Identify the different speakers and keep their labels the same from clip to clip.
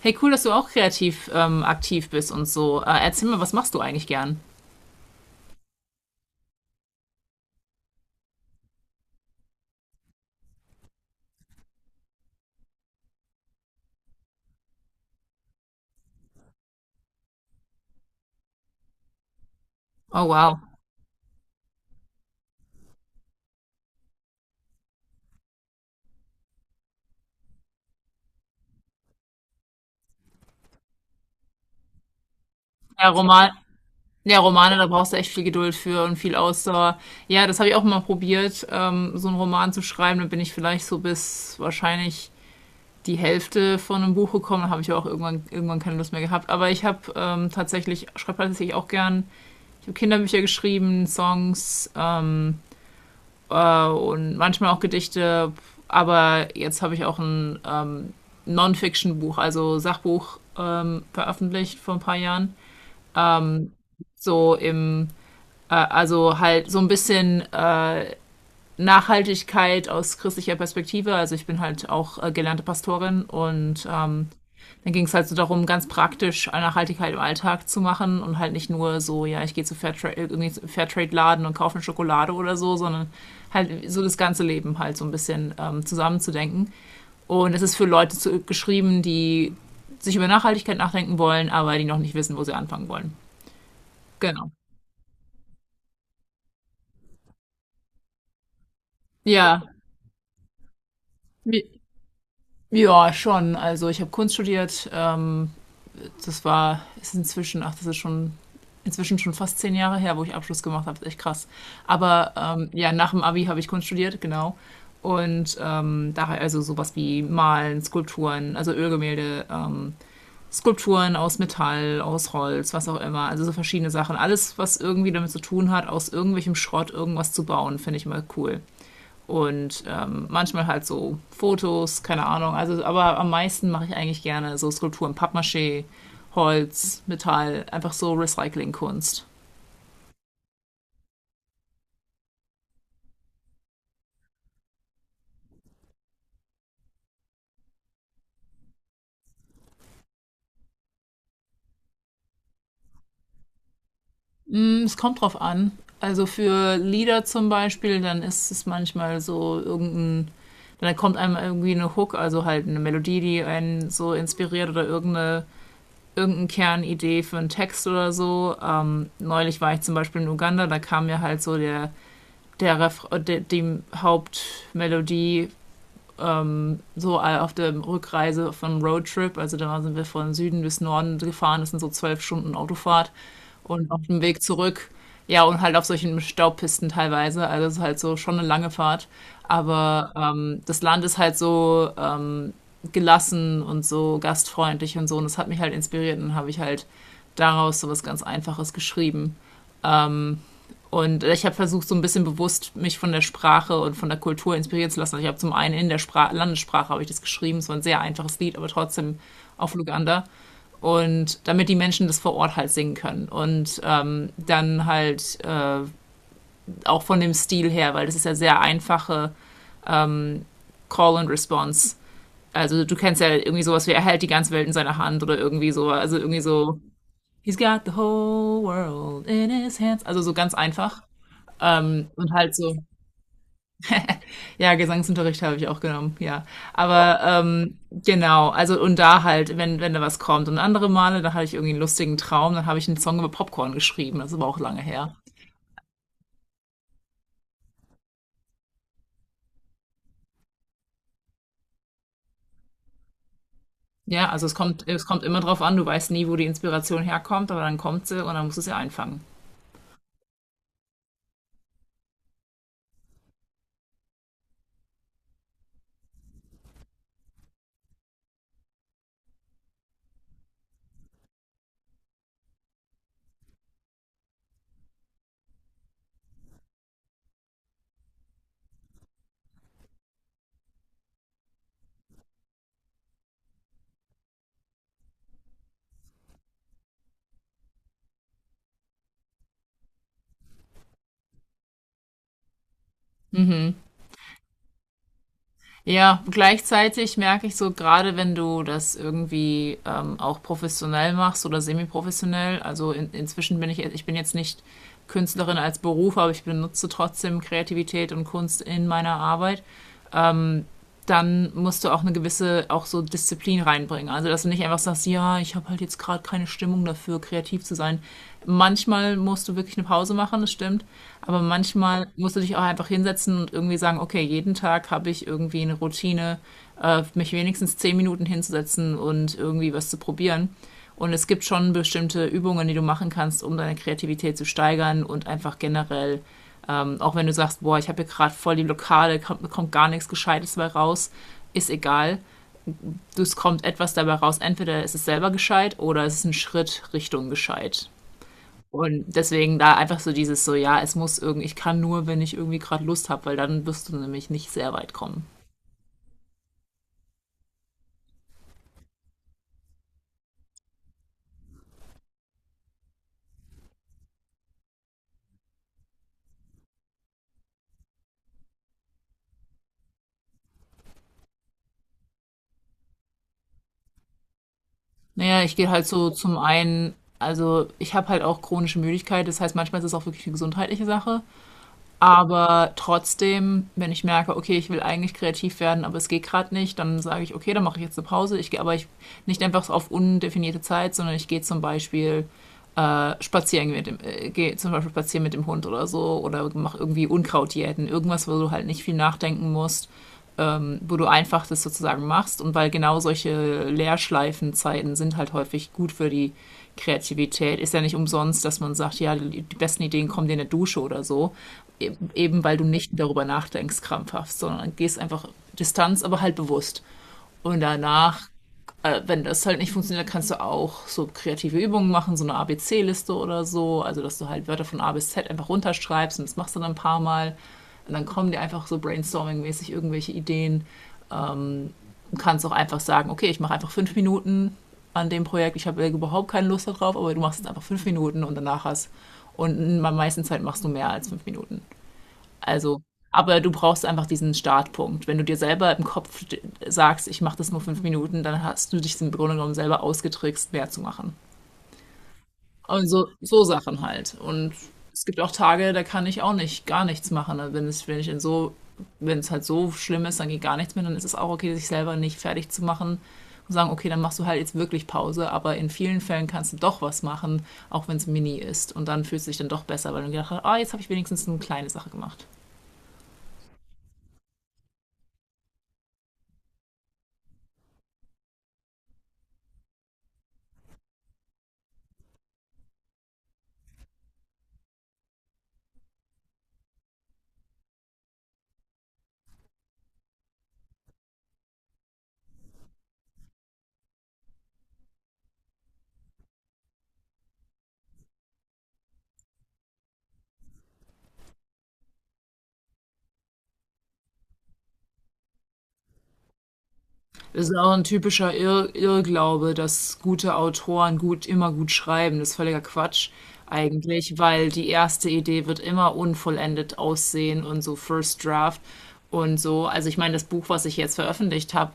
Speaker 1: Hey, cool, dass du auch kreativ aktiv bist und so. Erzähl mal, was machst du eigentlich gern? Oh, wow. Ja, ja, Romane, da brauchst du echt viel Geduld für und viel Ausdauer. Ja, das habe ich auch mal probiert, so einen Roman zu schreiben. Dann bin ich vielleicht so bis wahrscheinlich die Hälfte von einem Buch gekommen. Dann habe ich auch irgendwann keine Lust mehr gehabt. Aber ich schreibe tatsächlich auch gern. Ich habe Kinderbücher geschrieben, Songs, und manchmal auch Gedichte. Aber jetzt habe ich auch ein Non-Fiction-Buch, also Sachbuch, veröffentlicht vor ein paar Jahren. So im, also halt so ein bisschen Nachhaltigkeit aus christlicher Perspektive. Also ich bin halt auch gelernte Pastorin und dann ging es halt so darum, ganz praktisch Nachhaltigkeit im Alltag zu machen und halt nicht nur so, ja, ich gehe zu Fairtrade, irgendwie Fairtrade-Laden, und kaufe eine Schokolade oder so, sondern halt so das ganze Leben halt so ein bisschen zusammenzudenken. Und es ist für Leute geschrieben, die sich über Nachhaltigkeit nachdenken wollen, aber die noch nicht wissen, wo sie anfangen wollen. Genau. Ja. Ja, schon. Also ich habe Kunst studiert. Das ist inzwischen, ach, das ist schon, inzwischen schon fast 10 Jahre her, wo ich Abschluss gemacht habe. Das ist echt krass. Aber ja, nach dem Abi habe ich Kunst studiert, genau. Und daher also sowas wie Malen, Skulpturen, also Ölgemälde, Skulpturen aus Metall, aus Holz, was auch immer. Also so verschiedene Sachen. Alles, was irgendwie damit zu tun hat, aus irgendwelchem Schrott irgendwas zu bauen, finde ich mal cool, und manchmal halt so Fotos, keine Ahnung. Also, aber am meisten mache ich eigentlich gerne so Skulpturen, Pappmaché, Holz, Metall, einfach so Recyclingkunst. Es kommt drauf an. Also für Lieder zum Beispiel, dann ist es manchmal so dann kommt einem irgendwie eine Hook, also halt eine Melodie, die einen so inspiriert, oder irgendeine Kernidee für einen Text oder so. Neulich war ich zum Beispiel in Uganda, da kam mir halt so der Ref de dem Hauptmelodie so auf der Rückreise vom Roadtrip. Also da sind wir von Süden bis Norden gefahren. Das sind so 12 Stunden Autofahrt, und auf dem Weg zurück. Ja, und halt auf solchen Staubpisten teilweise. Also es ist halt so schon eine lange Fahrt. Aber das Land ist halt so gelassen und so gastfreundlich und so. Und das hat mich halt inspiriert. Und dann habe ich halt daraus so was ganz Einfaches geschrieben. Und ich habe versucht, so ein bisschen bewusst mich von der Sprache und von der Kultur inspirieren zu lassen. Also ich habe zum einen in der Spra Landessprache habe ich das geschrieben, es war ein sehr einfaches Lied, aber trotzdem auf Luganda. Und damit die Menschen das vor Ort halt singen können. Und dann halt auch von dem Stil her, weil das ist ja sehr einfache Call and Response. Also du kennst ja irgendwie sowas wie, er hält die ganze Welt in seiner Hand oder irgendwie so, also irgendwie so, he's got the whole world in his hands. Also so ganz einfach. Und halt so. Ja, Gesangsunterricht habe ich auch genommen, ja. Aber genau, also und da halt, wenn da was kommt. Und andere Male, da hatte ich irgendwie einen lustigen Traum, dann habe ich einen Song über Popcorn geschrieben. Das ist aber auch lange her. Ja, also es kommt immer drauf an, du weißt nie, wo die Inspiration herkommt, aber dann kommt sie und dann musst du sie einfangen. Mhm. Ja, gleichzeitig merke ich so, gerade wenn du das irgendwie auch professionell machst oder semi-professionell, also inzwischen bin ich, ich bin jetzt nicht Künstlerin als Beruf, aber ich benutze trotzdem Kreativität und Kunst in meiner Arbeit. Dann musst du auch eine gewisse, auch so Disziplin reinbringen. Also dass du nicht einfach sagst, ja, ich habe halt jetzt gerade keine Stimmung dafür, kreativ zu sein. Manchmal musst du wirklich eine Pause machen, das stimmt. Aber manchmal musst du dich auch einfach hinsetzen und irgendwie sagen, okay, jeden Tag habe ich irgendwie eine Routine, mich wenigstens 10 Minuten hinzusetzen und irgendwie was zu probieren. Und es gibt schon bestimmte Übungen, die du machen kannst, um deine Kreativität zu steigern, und einfach generell auch wenn du sagst, boah, ich habe hier gerade voll die Lokale, kommt gar nichts Gescheites dabei raus, ist egal. Es kommt etwas dabei raus. Entweder ist es selber gescheit oder es ist ein Schritt Richtung gescheit. Und deswegen da einfach so dieses so, ja, es muss irgendwie, ich kann nur, wenn ich irgendwie gerade Lust habe, weil dann wirst du nämlich nicht sehr weit kommen. Naja, ich gehe halt so zum einen, also ich habe halt auch chronische Müdigkeit, das heißt manchmal ist es auch wirklich eine gesundheitliche Sache. Aber trotzdem, wenn ich merke, okay, ich will eigentlich kreativ werden, aber es geht gerade nicht, dann sage ich, okay, dann mache ich jetzt eine Pause. Ich gehe aber ich, nicht einfach so auf undefinierte Zeit, sondern ich gehe zum Beispiel spazieren mit dem Hund oder so, oder mache irgendwie Unkrautjäten, irgendwas, wo du halt nicht viel nachdenken musst, wo du einfach das sozusagen machst, und weil genau solche Leerschleifenzeiten sind halt häufig gut für die Kreativität. Ist ja nicht umsonst, dass man sagt, ja, die besten Ideen kommen dir in der Dusche oder so, eben weil du nicht darüber nachdenkst krampfhaft, sondern gehst einfach Distanz, aber halt bewusst. Und danach, wenn das halt nicht funktioniert, kannst du auch so kreative Übungen machen, so eine ABC-Liste oder so, also dass du halt Wörter von A bis Z einfach runterschreibst und das machst du dann ein paar Mal. Und dann kommen dir einfach so brainstorming-mäßig irgendwelche Ideen. Du kannst auch einfach sagen, okay, ich mache einfach 5 Minuten an dem Projekt, ich habe überhaupt keine Lust darauf, aber du machst es einfach 5 Minuten, und danach hast. Und meisten Zeit machst du mehr als 5 Minuten. Also, aber du brauchst einfach diesen Startpunkt. Wenn du dir selber im Kopf sagst, ich mache das nur 5 Minuten, dann hast du dich im Grunde genommen selber ausgetrickst, mehr zu machen. Also so Sachen halt. Und es gibt auch Tage, da kann ich auch nicht gar nichts machen, ne? Wenn es, wenn ich in so, wenn es halt so schlimm ist, dann geht gar nichts mehr, dann ist es auch okay, sich selber nicht fertig zu machen und sagen, okay, dann machst du halt jetzt wirklich Pause, aber in vielen Fällen kannst du doch was machen, auch wenn es mini ist. Und dann fühlst du dich dann doch besser, weil du gedacht hast, ah, jetzt habe ich wenigstens eine kleine Sache gemacht. Das ist auch ein typischer Irrglaube, dass gute Autoren immer gut schreiben. Das ist völliger Quatsch eigentlich, weil die erste Idee wird immer unvollendet aussehen und so, First Draft und so. Also ich meine, das Buch, was ich jetzt veröffentlicht habe,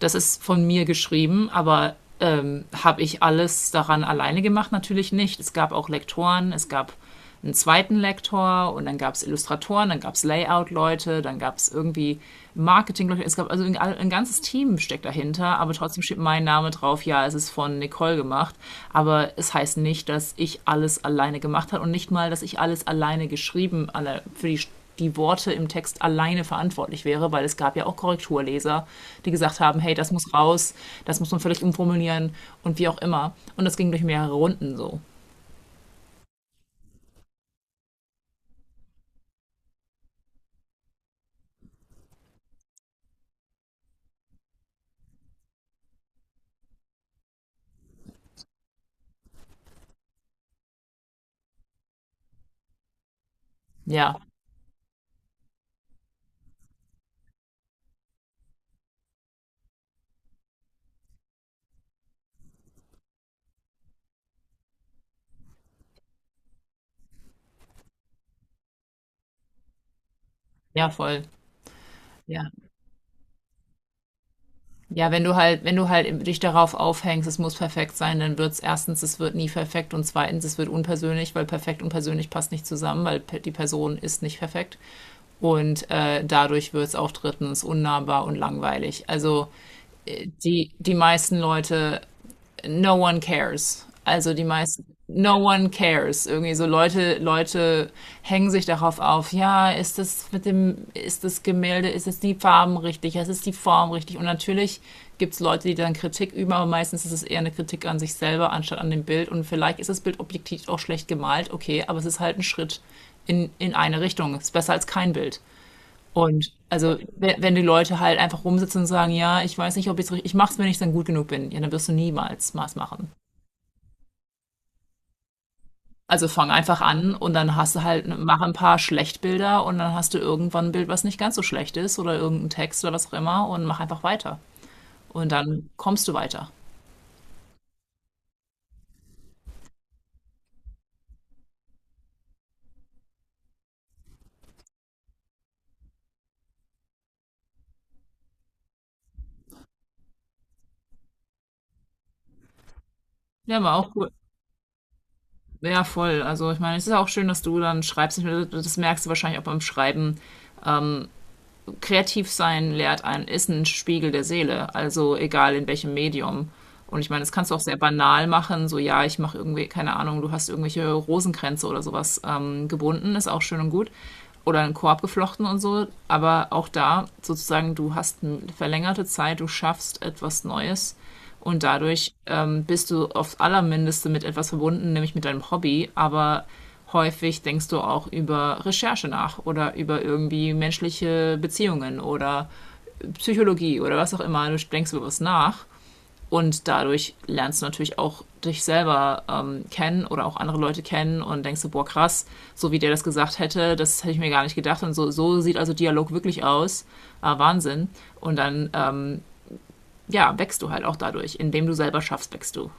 Speaker 1: das ist von mir geschrieben, aber habe ich alles daran alleine gemacht? Natürlich nicht. Es gab auch Lektoren, es gab einen zweiten Lektor, und dann gab es Illustratoren, dann gab es Layout-Leute, dann gab es irgendwie Marketing-Leute. Es gab also ein ganzes Team steckt dahinter, aber trotzdem steht mein Name drauf. Ja, es ist von Nicole gemacht, aber es heißt nicht, dass ich alles alleine gemacht habe und nicht mal, dass ich alles alleine geschrieben, alle für die Worte im Text alleine verantwortlich wäre, weil es gab ja auch Korrekturleser, die gesagt haben, hey, das muss raus, das muss man völlig umformulieren und wie auch immer. Und das ging durch mehrere Runden so. Ja, ja, voll. Ja. Ja, wenn du halt dich darauf aufhängst, es muss perfekt sein, dann wird's erstens, es wird nie perfekt, und zweitens, es wird unpersönlich, weil perfekt und persönlich passt nicht zusammen, weil die Person ist nicht perfekt. Und dadurch wird's auch drittens unnahbar und langweilig. Also die meisten Leute, no one cares. Also die meisten, no one cares. Irgendwie so Leute, hängen sich darauf auf, ja, ist das Gemälde, ist es die Farben richtig, ist es die Form richtig? Und natürlich gibt es Leute, die dann Kritik üben, aber meistens ist es eher eine Kritik an sich selber anstatt an dem Bild. Und vielleicht ist das Bild objektiv auch schlecht gemalt, okay, aber es ist halt ein Schritt in eine Richtung. Es ist besser als kein Bild. Und also, wenn die Leute halt einfach rumsitzen und sagen, ja, ich weiß nicht, ob ich's richtig, ich mach's, wenn ich dann gut genug bin, ja, dann wirst du niemals was machen. Also fang einfach an, und dann hast du halt, mach ein paar Schlechtbilder, und dann hast du irgendwann ein Bild, was nicht ganz so schlecht ist, oder irgendein Text oder was auch immer, und mach einfach weiter. Und dann kommst du weiter. Ja, war auch cool. Ja, voll. Also ich meine, es ist auch schön, dass du dann schreibst. Ich meine, das merkst du wahrscheinlich auch beim Schreiben. Ähm, kreativ sein lehrt einen, ist ein Spiegel der Seele, also egal in welchem Medium. Und ich meine, das kannst du auch sehr banal machen, so ja, ich mache irgendwie, keine Ahnung, du hast irgendwelche Rosenkränze oder sowas gebunden, ist auch schön und gut. Oder einen Korb geflochten und so, aber auch da sozusagen, du hast eine verlängerte Zeit, du schaffst etwas Neues, und dadurch bist du aufs Allermindeste mit etwas verbunden, nämlich mit deinem Hobby, aber häufig denkst du auch über Recherche nach oder über irgendwie menschliche Beziehungen oder Psychologie oder was auch immer. Du denkst über was nach, und dadurch lernst du natürlich auch dich selber kennen oder auch andere Leute kennen und denkst du, boah, krass, so wie der das gesagt hätte, das hätte ich mir gar nicht gedacht und so, so sieht also Dialog wirklich aus. Ah, Wahnsinn. Und dann ja, wächst du halt auch dadurch. Indem du selber schaffst, wächst du.